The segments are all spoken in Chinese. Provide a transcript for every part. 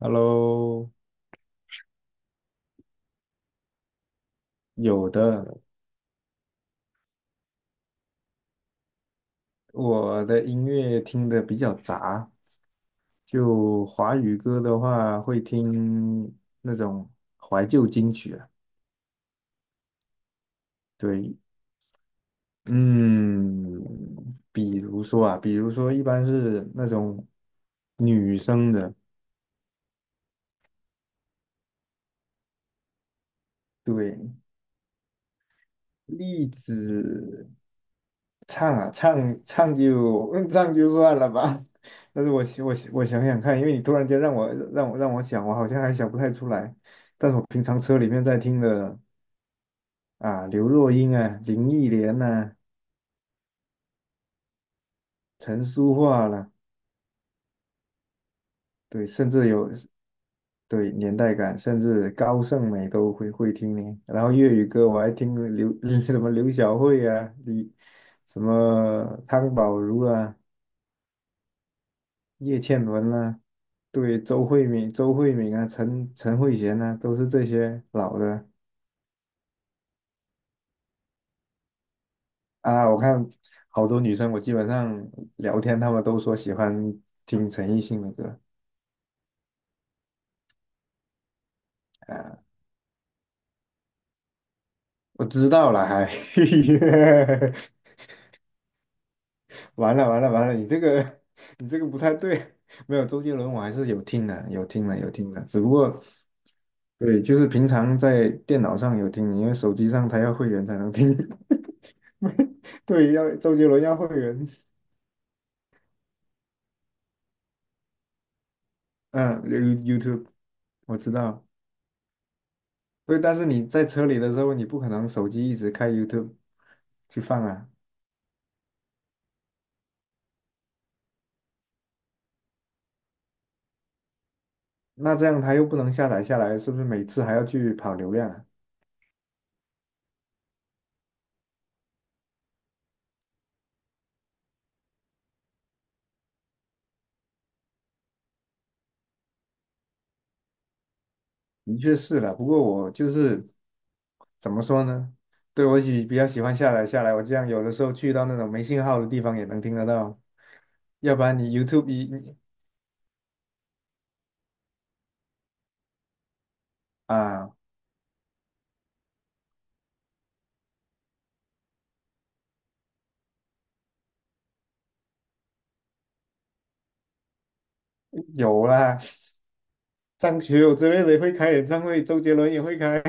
Hello。有的。我的音乐听的比较杂，就华语歌的话会听那种怀旧金曲啊。对。嗯。比如说一般是那种女生的。对。栗子。唱啊，唱就算了吧。但是我想想看，因为你突然间让我想，我好像还想不太出来。但是我平常车里面在听的啊，刘若英啊，林忆莲呐、陈淑桦啦。对，甚至有，对年代感，甚至高胜美都会听呢。然后粤语歌我还听刘 什么刘小慧啊，李什么汤宝如啊，叶倩文啦、对，周慧敏啊，陈慧娴啊，都是这些老的啊。我看好多女生，我基本上聊天，她们都说喜欢听陈奕迅的歌啊。我知道了，还 完了完了完了，你这个不太对。没有周杰伦，我还是有听的，有听的，有听的。只不过对，就是平常在电脑上有听，因为手机上他要会员才能听。对，要周杰伦要会员。嗯，You-，YouTube。我知道。对，但是你在车里的时候，你不可能手机一直开 YouTube 去放啊。那这样它又不能下载下来，是不是每次还要去跑流量啊？的确是了。不过我就是怎么说呢？对，我比较喜欢下载下来，我这样有的时候去到那种没信号的地方也能听得到。要不然你 YouTube 一你啊有啦，张学友之类的会开演唱会，周杰伦也会开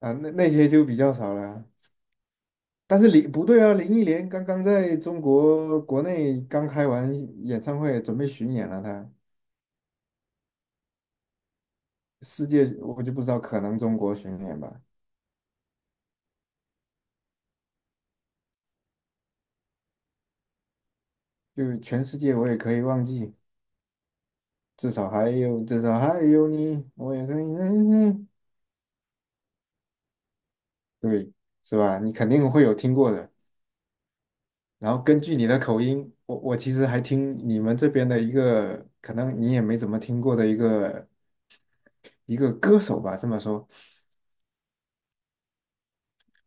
啊，那那些就比较少了。但是林不对啊，林忆莲刚刚在中国国内刚开完演唱会，准备巡演了她。世界我就不知道，可能中国巡演吧，就全世界我也可以忘记，至少还有你，我也可以。嗯嗯。对，是吧？你肯定会有听过的。然后根据你的口音，我其实还听你们这边的一个，可能你也没怎么听过的一个歌手吧，这么说。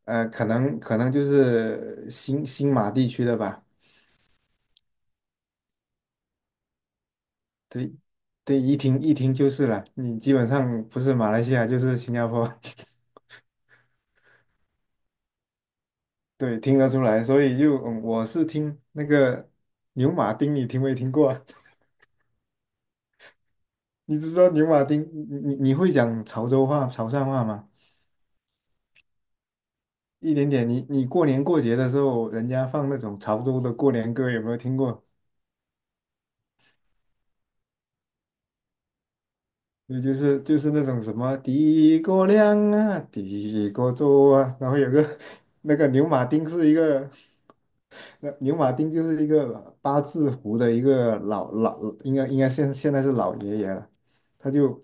呃，可能就是新马地区的吧。对对，一听就是了，你基本上不是马来西亚就是新加坡。对，听得出来，所以就我是听那个牛马丁，你听没听过啊？你知说牛马丁，你会讲潮州话、潮汕话吗？一点点，你过年过节的时候，人家放那种潮州的过年歌，有没有听过？对，就是那种什么的哥亮啊，的哥州啊，然后有个 那个牛马丁是一个，那牛马丁就是一个八字胡的一个应该现在是老爷爷了。他就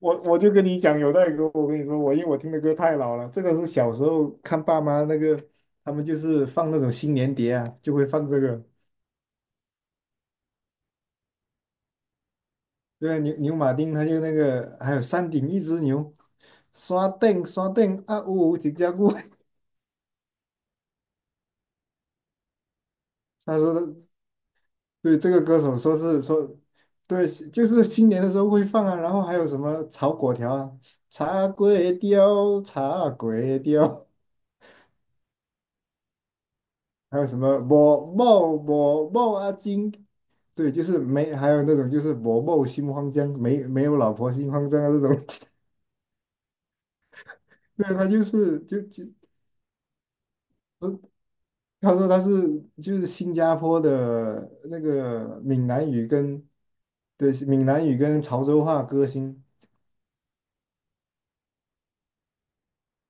我就跟你讲有代沟，我跟你说，因为我听的歌太老了，这个是小时候看爸妈那个，他们就是放那种新年碟啊，就会放这个。对啊，牛马丁，他就那个，还有山顶一只牛，刷顶刷顶啊呜呜几加固。他说的，对这个歌手说是说，对，就是新年的时候会放啊，然后还有什么炒果条啊，茶粿条，茶粿条，还有什么我某阿金。对，就是没，还有那种就是我某心慌张，没有老婆心慌张啊这种。对，他就是。他说他是就是新加坡的那个闽南语跟对闽南语跟潮州话歌星。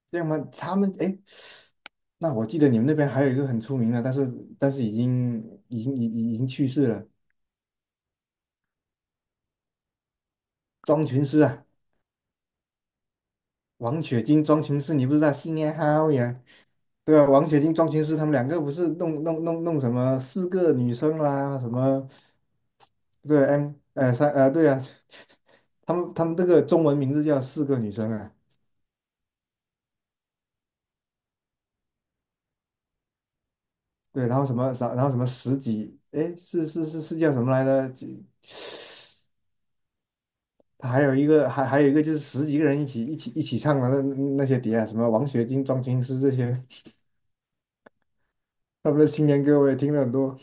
这样吗？他们哎，诶那我记得你们那边还有一个很出名的，但是已经去世了，庄群诗啊。王雪晶、庄群诗，你不知道新年好呀？对啊，王雪晶、庄群诗他们两个不是弄弄弄弄什么四个女生啦，什么对 M 三对啊。他们这个中文名字叫四个女生啊。对，然后什么，啥，然后什么十几，哎，叫什么来着？几他还有一个，还有一个就是十几个人一起唱的那那些碟啊，什么王雪晶、庄青诗这些，他们的新年歌我也听了很多。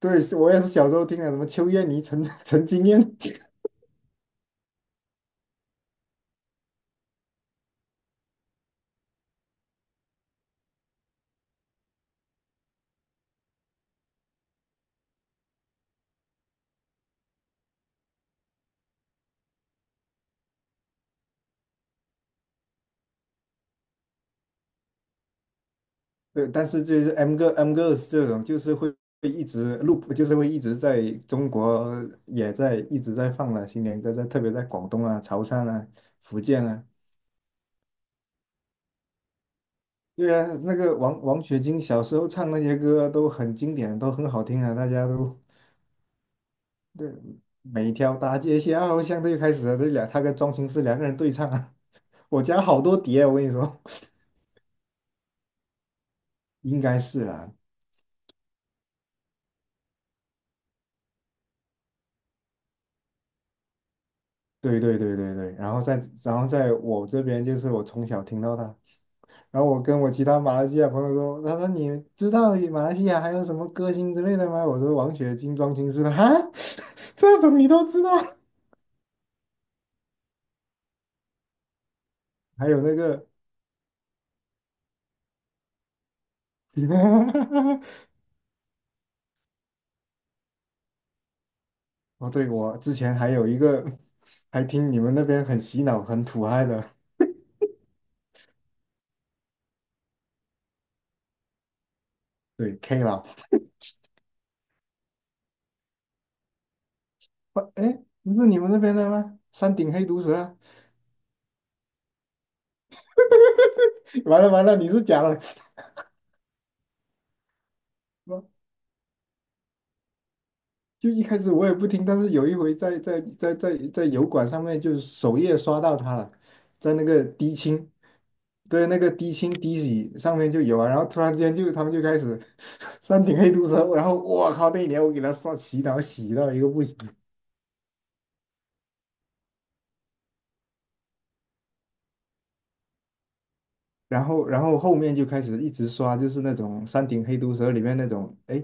对，是我也是小时候听的，什么邱燕妮、陈金燕。对，但是就是 M 歌 M girls 这种，就是会一直 loop，就是会一直在中国也在一直在放了新年歌，在特别在广东啊、潮汕啊、福建啊。对啊，那个王雪晶小时候唱那些歌都很经典，都很好听啊，大家都对，每条大街小巷都开始了，这俩他跟庄心思两个人对唱啊。我家好多碟啊，我跟你说。应该是啦、对对对对对，然后在我这边就是我从小听到他，然后我跟我其他马来西亚朋友说，他说你知道马来西亚还有什么歌星之类的吗？我说王雪晶、庄心思，哈。这种你都知道。还有那个。哦，对，我之前还有一个，还听你们那边很洗脑、很土嗨的，对 K 老。哎，不是你们那边的吗？山顶黑毒蛇啊。 完了完了，你是假的。哦，就一开始我也不听，但是有一回在油管上面，就是首页刷到他了，在那个低清。对，那个低清低洗上面就有啊，然后突然间就他们就开始 山顶黑毒蛇，然后我靠，那一年我给他刷洗脑洗到一个不行。然后后面就开始一直刷，就是那种《山顶黑毒蛇》里面那种，哎，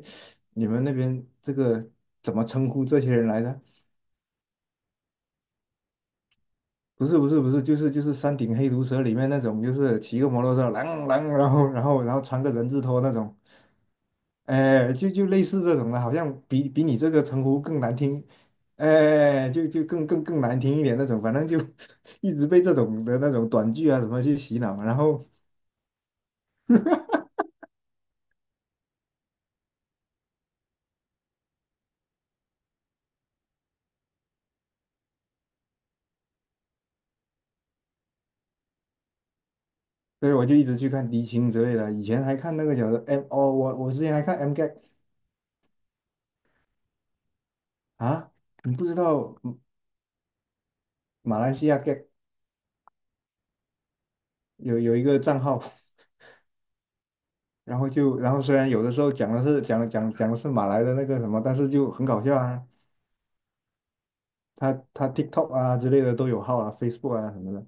你们那边这个怎么称呼这些人来着？不是，就是《山顶黑毒蛇》里面那种，就是骑个摩托车，啷啷，然后穿个人字拖那种，哎，就就类似这种的，好像比你这个称呼更难听，哎，就更难听一点那种，反正就 一直被这种的那种短剧啊什么去洗脑，然后所以我就一直去看迪青之类的。以前还看那个叫做 M 哦，我之前还看 M Gag 啊，你不知道马来西亚 Gag 有一个账号，然后就然后虽然有的时候讲的是马来的那个什么，但是就很搞笑啊。他 TikTok 啊之类的都有号啊，Facebook 啊什么的。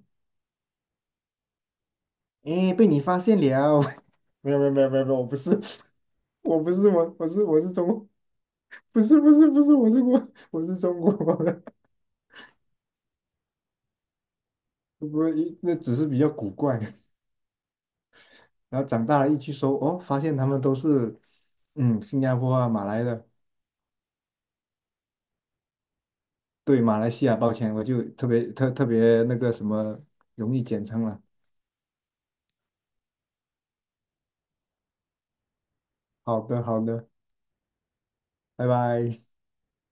哎，被你发现了？没有没有没有没有没有，我不是我不是我我是我是中国。不是不是不是我是我是中国的。不那只是比较古怪。然后长大了一去搜，哦，发现他们都是新加坡啊、马来的。对马来西亚，抱歉，我就特别那个什么容易简称了。好的，好的，拜拜。